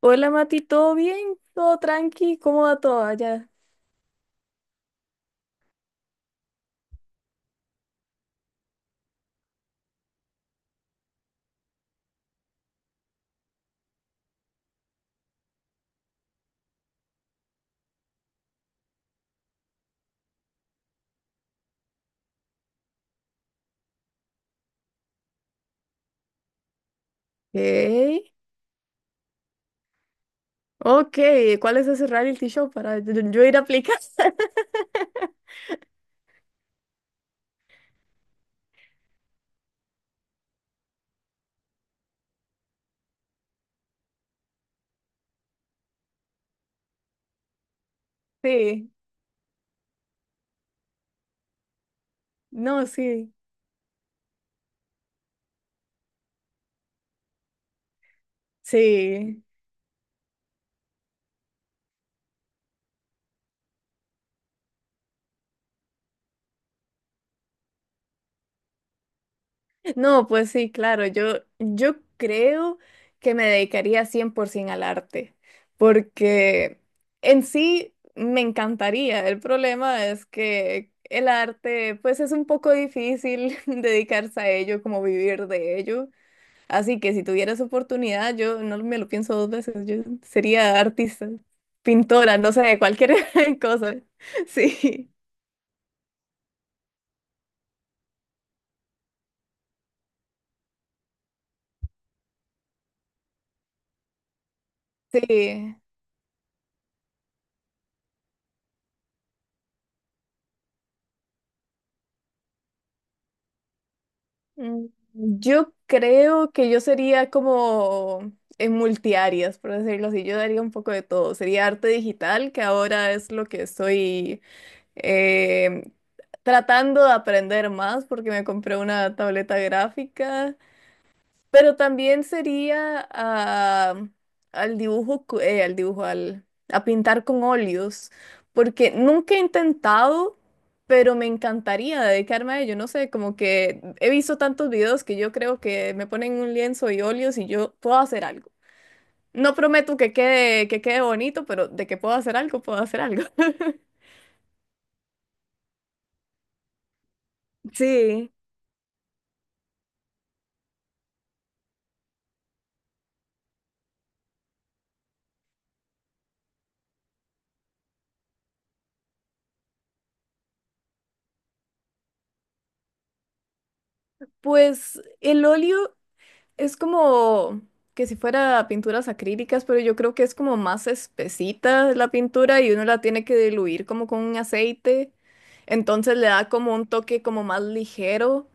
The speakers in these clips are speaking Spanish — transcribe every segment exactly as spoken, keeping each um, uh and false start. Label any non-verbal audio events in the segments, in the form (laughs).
Hola Mati, ¿todo bien? ¿Todo tranqui? ¿Cómo va todo allá? Ok, ok, ¿cuál es ese reality show para yo, yo ir a aplicar? (laughs) Sí, no, sí, sí. No, pues sí, claro, yo, yo creo que me dedicaría cien por ciento al arte, porque en sí me encantaría. El problema es que el arte, pues es un poco difícil (laughs) dedicarse a ello, como vivir de ello. Así que si tuviera esa oportunidad, yo no me lo pienso dos veces, yo sería artista, pintora, no sé, cualquier (laughs) cosa. Sí, sí. Mm, Yo creo que yo sería como en multiáreas, por decirlo así, yo daría un poco de todo. Sería arte digital, que ahora es lo que estoy eh, tratando de aprender más porque me compré una tableta gráfica. Pero también sería a- al dibujo, cu- eh, al dibujo, al, a pintar con óleos, porque nunca he intentado, pero me encantaría dedicarme a ello. No sé, como que he visto tantos videos que yo creo que me ponen un lienzo y óleos y yo puedo hacer algo. No prometo que quede, que quede bonito, pero de que puedo hacer algo, puedo hacer algo. (laughs) Sí. Pues el óleo es como que si fuera pinturas acrílicas, pero yo creo que es como más espesita la pintura y uno la tiene que diluir como con un aceite. Entonces le da como un toque como más ligero.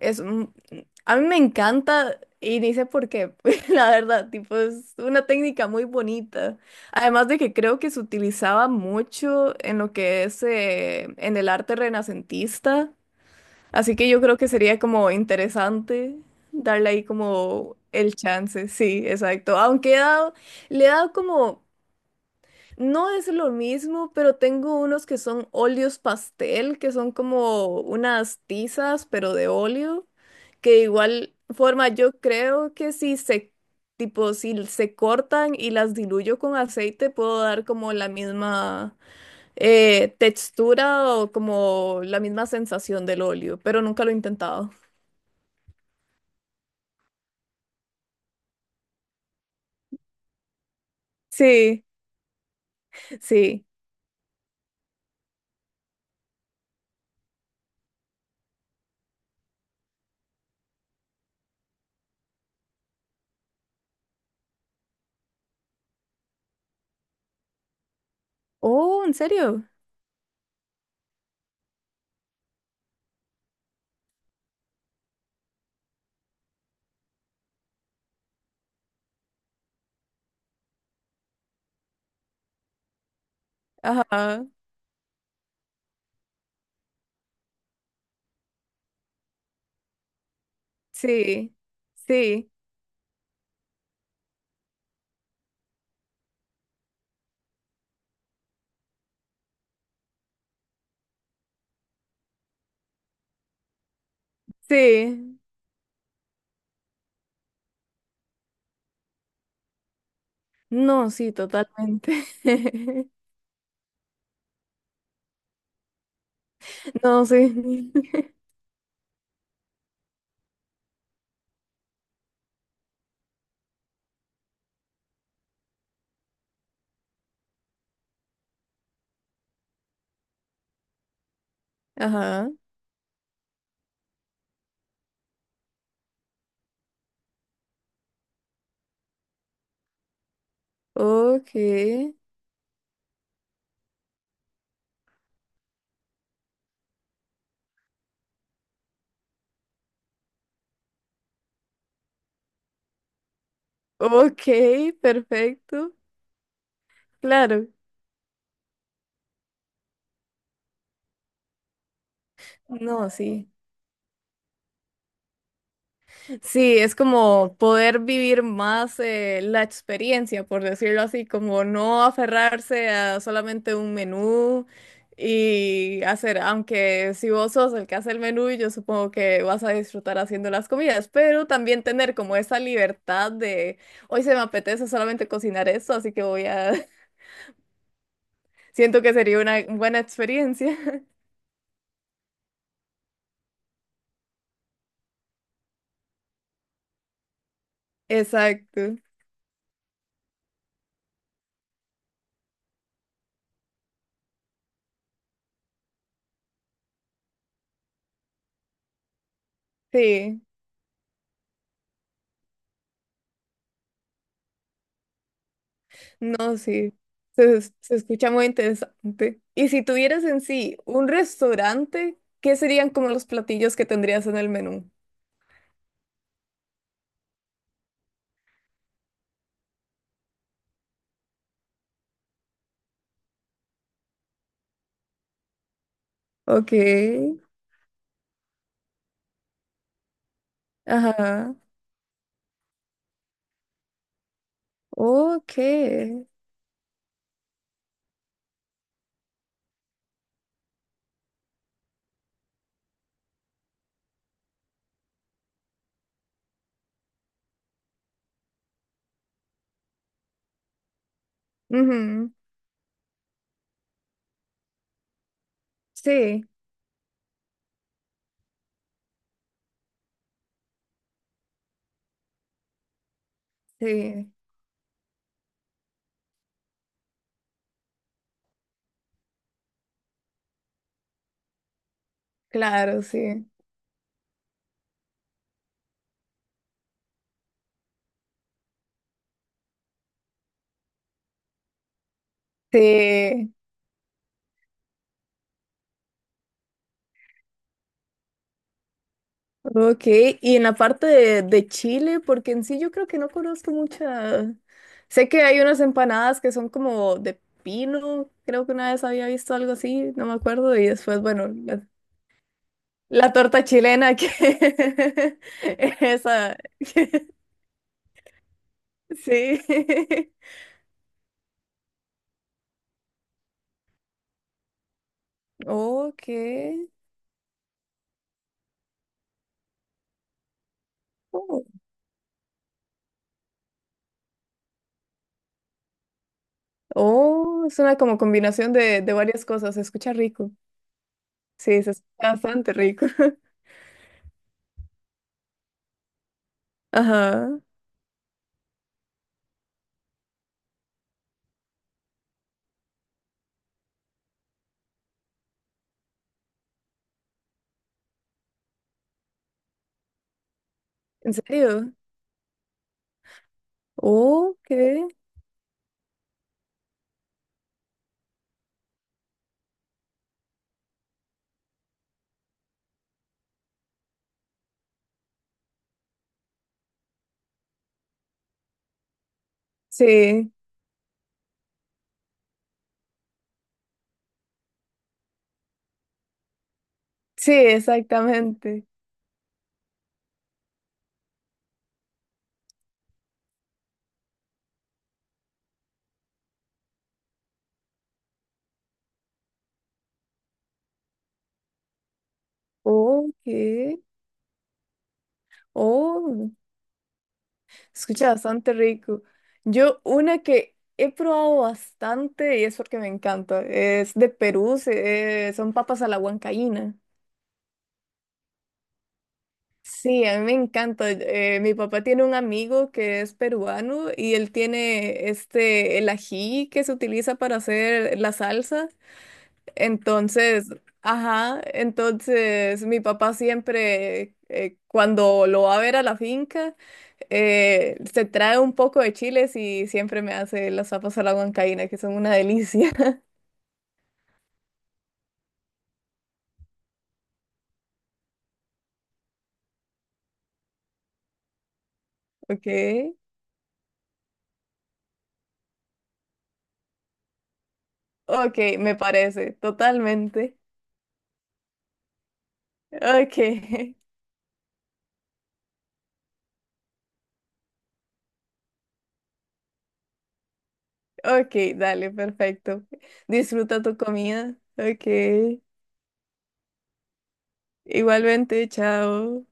Es un- a mí me encanta y ni sé por qué, (laughs) la verdad, tipo es una técnica muy bonita. Además de que creo que se utilizaba mucho en lo que es eh, en el arte renacentista. Así que yo creo que sería como interesante darle ahí como el chance, sí, exacto. Aunque he dado, le he dado como, no es lo mismo, pero tengo unos que son óleos pastel, que son como unas tizas, pero de óleo, que de igual forma yo creo que si se, tipo, si se cortan y las diluyo con aceite, puedo dar como la misma eh, textura o como la misma sensación del óleo, pero nunca lo he intentado. Sí, sí. Oh, ¿en serio? Ajá, sí, sí, sí. No, sí, totalmente. (laughs) No, sí. (laughs) Ajá, ok, ok, perfecto. Claro. No, sí. Sí, es como poder vivir más eh, la experiencia, por decirlo así, como no aferrarse a solamente un menú y hacer, aunque si vos sos el que hace el menú, yo supongo que vas a disfrutar haciendo las comidas, pero también tener como esa libertad de, hoy se me apetece solamente cocinar esto, así que voy a, (laughs) siento que sería una buena experiencia. (laughs) Exacto, sí. No, sí, se, es- se escucha muy interesante. Y si tuvieras en sí un restaurante, ¿qué serían como los platillos que tendrías en el menú? Ok, ajá, ok. Ujú, sí, sí, claro, sí. Sí, ok. Y en la parte de, de Chile, porque en sí yo creo que no conozco mucha. Sé que hay unas empanadas que son como de pino, creo que una vez había visto algo así, no me acuerdo, y después, bueno, las- la torta chilena que (laughs) esa (laughs) sí. (laughs) Ok. Oh, oh, es una como combinación de, de varias cosas. Se escucha rico. Sí, se escucha bastante rico. (laughs) Ajá. ¿En serio? Ok. Sí, sí, exactamente. Ok. Oh. Escucha bastante rico. Yo una que he probado bastante y es porque me encanta, es de Perú, se- eh, son papas a la huancaína. Sí, a mí me encanta. Eh, mi papá tiene un amigo que es peruano y él tiene este, el ají que se utiliza para hacer la salsa. Entonces, ajá, entonces mi papá siempre, eh, cuando lo va a ver a la finca, eh, se trae un poco de chiles y siempre me hace las papas a la huancaína, que son una delicia. (laughs) Ok, ok, me parece, totalmente. Ok, (laughs) ok, dale, perfecto. Disfruta tu comida. Ok, igualmente, chao.